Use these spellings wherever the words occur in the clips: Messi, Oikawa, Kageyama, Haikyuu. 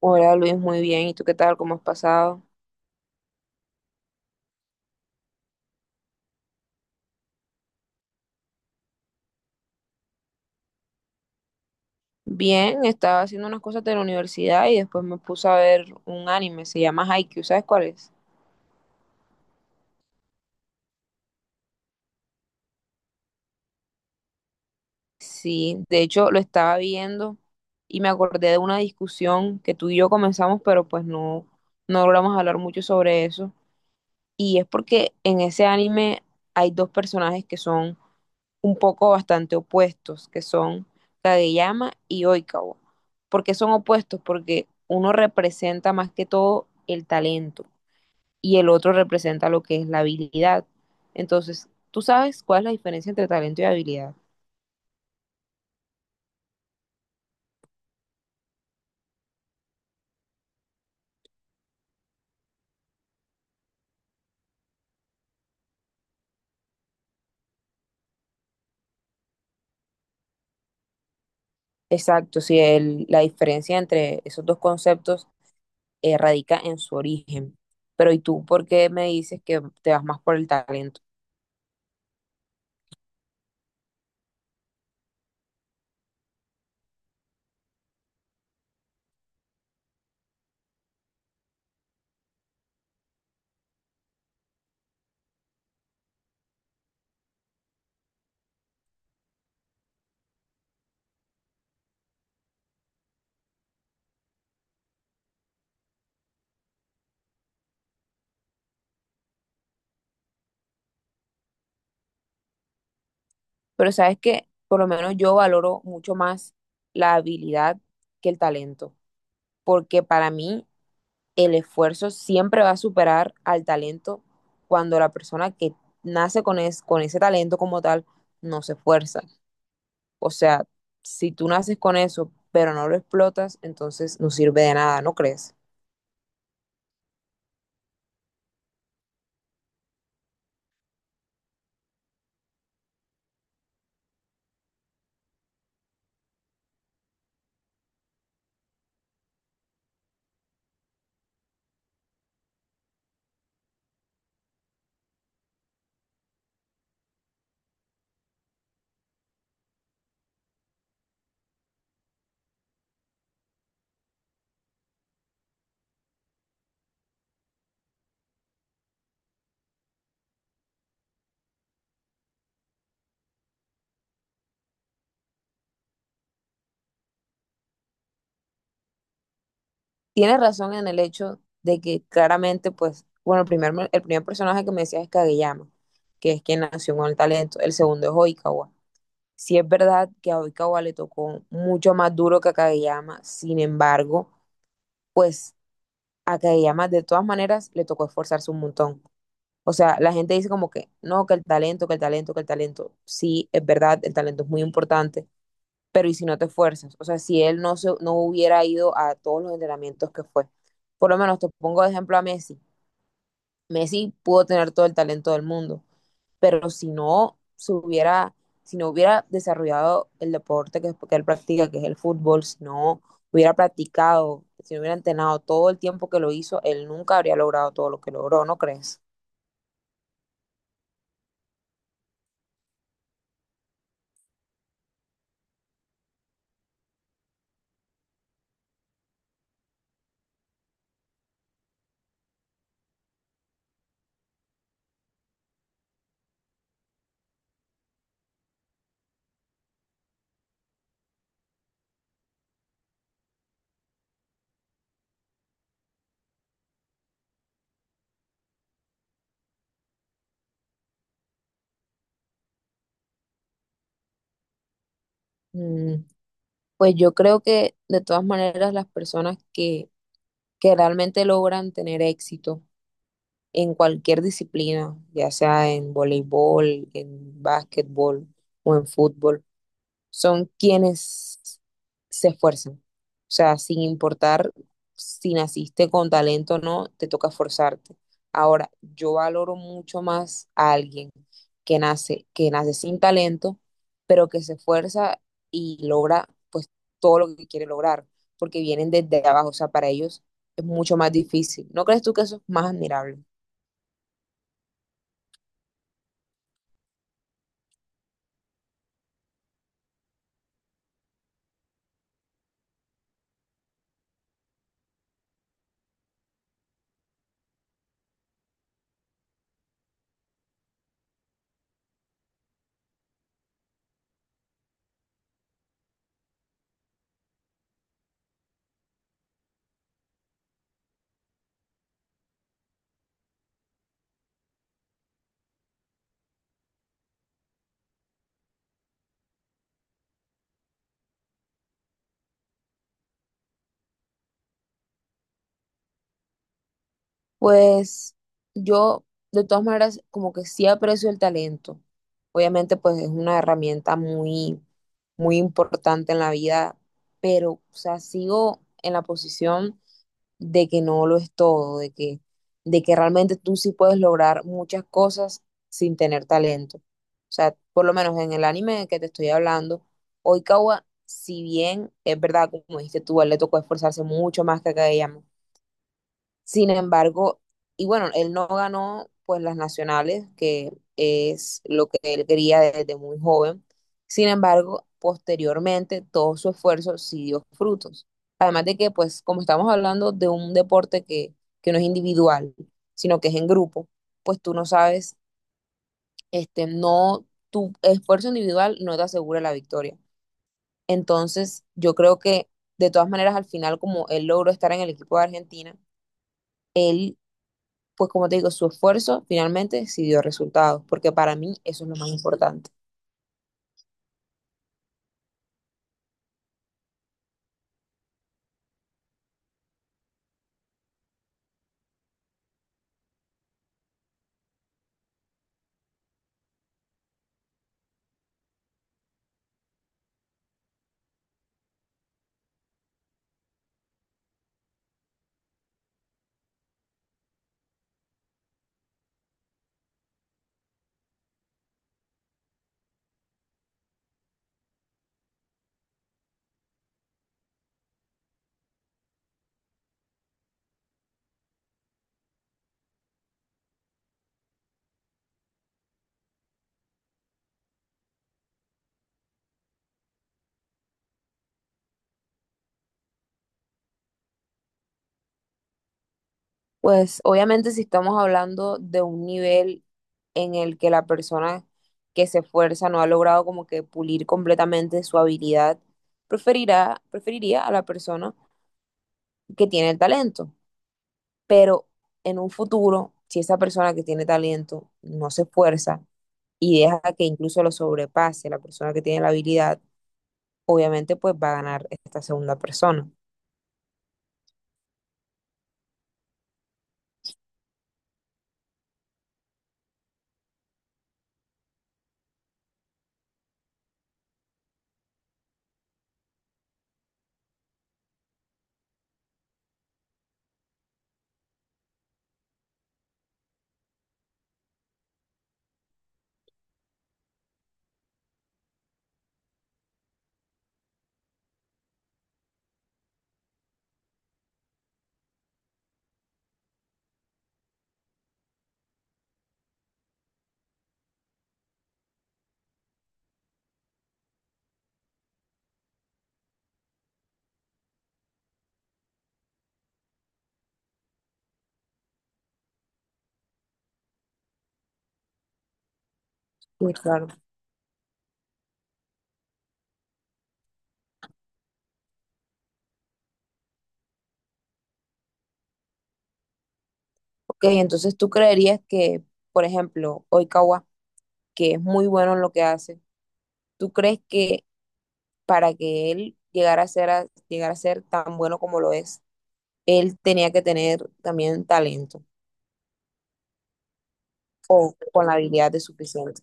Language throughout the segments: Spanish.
Hola Luis, muy bien. ¿Y tú qué tal? ¿Cómo has pasado? Bien, estaba haciendo unas cosas de la universidad y después me puse a ver un anime, se llama Haikyuu, ¿sabes cuál es? Sí, de hecho lo estaba viendo y me acordé de una discusión que tú y yo comenzamos, pero pues no, no logramos hablar mucho sobre eso. Y es porque en ese anime hay dos personajes que son un poco bastante opuestos, que son Kageyama y Oikawa. ¿Por qué son opuestos? Porque uno representa más que todo el talento y el otro representa lo que es la habilidad. Entonces, ¿tú sabes cuál es la diferencia entre talento y habilidad? Exacto, sí, la diferencia entre esos dos conceptos radica en su origen. Pero ¿y tú por qué me dices que te vas más por el talento? Pero sabes que por lo menos yo valoro mucho más la habilidad que el talento, porque para mí el esfuerzo siempre va a superar al talento cuando la persona que nace con, con ese talento como tal no se esfuerza. O sea, si tú naces con eso, pero no lo explotas, entonces no sirve de nada, ¿no crees? Tienes razón en el hecho de que claramente, pues, bueno, el primer personaje que me decías es Kageyama, que es quien nació con el talento, el segundo es Oikawa. Sí es verdad que a Oikawa le tocó mucho más duro que a Kageyama, sin embargo, pues a Kageyama de todas maneras le tocó esforzarse un montón. O sea, la gente dice como que no, que el talento. Sí, es verdad, el talento es muy importante, pero ¿y si no te esfuerzas? O sea, si él no, se, no hubiera ido a todos los entrenamientos que fue. Por lo menos te pongo de ejemplo a Messi. Messi pudo tener todo el talento del mundo, pero si no hubiera desarrollado el deporte que él practica, que es el fútbol, si no hubiera practicado, si no hubiera entrenado todo el tiempo que lo hizo, él nunca habría logrado todo lo que logró, ¿no crees? Mm. Pues yo creo que de todas maneras que realmente logran tener éxito en cualquier disciplina, ya sea en voleibol, en básquetbol o en fútbol, son quienes se esfuerzan. O sea, sin importar si naciste con talento o no, te toca esforzarte. Ahora, yo valoro mucho más a alguien que nace sin talento, pero que se esfuerza y logra pues todo lo que quiere lograr, porque vienen desde abajo. O sea, para ellos es mucho más difícil. ¿No crees tú que eso es más admirable? Pues yo, de todas maneras, como que sí aprecio el talento. Obviamente, pues es una herramienta muy importante en la vida, pero, o sea, sigo en la posición de que no lo es todo, de que realmente tú sí puedes lograr muchas cosas sin tener talento. O sea, por lo menos en el anime del que te estoy hablando, Oikawa, si bien es verdad, como dijiste tú, a él le tocó esforzarse mucho más que a Kageyama. Sin embargo, y bueno, él no ganó pues las nacionales, que es lo que él quería desde muy joven. Sin embargo, posteriormente todo su esfuerzo sí dio frutos. Además de que, pues, como estamos hablando de un deporte que no es individual, sino que es en grupo, pues tú no sabes, este, no, tu esfuerzo individual no te asegura la victoria. Entonces, yo creo que de todas maneras, al final, como él logró estar en el equipo de Argentina, él pues como te digo, su esfuerzo finalmente sí dio resultados, porque para mí eso es lo más importante. Pues obviamente si estamos hablando de un nivel en el que la persona que se esfuerza no ha logrado como que pulir completamente su habilidad, preferiría a la persona que tiene el talento. Pero en un futuro, si esa persona que tiene talento no se esfuerza y deja que incluso lo sobrepase la persona que tiene la habilidad, obviamente pues va a ganar esta segunda persona. Muy claro. Ok, entonces tú creerías que, por ejemplo, Oikawa, que es muy bueno en lo que hace, ¿tú crees que para que él llegara a ser, llegara a ser tan bueno como lo es, él tenía que tener también talento o con la habilidad de suficiente?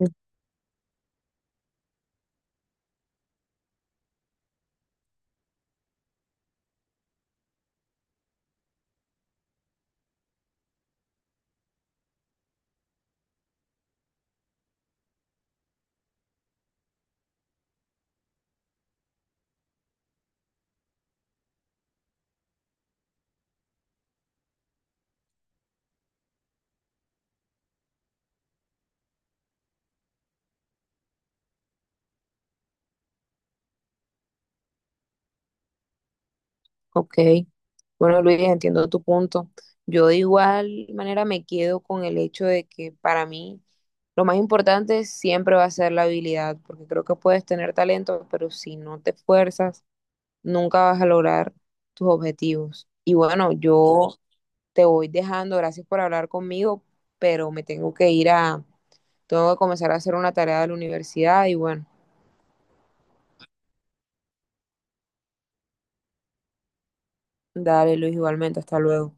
Mm. Ok, bueno Luis, entiendo tu punto. Yo de igual manera me quedo con el hecho de que para mí lo más importante siempre va a ser la habilidad, porque creo que puedes tener talento, pero si no te esfuerzas, nunca vas a lograr tus objetivos. Y bueno, yo te voy dejando, gracias por hablar conmigo, pero me tengo que ir a, tengo que comenzar a hacer una tarea de la universidad y bueno, dale Luis igualmente, hasta luego.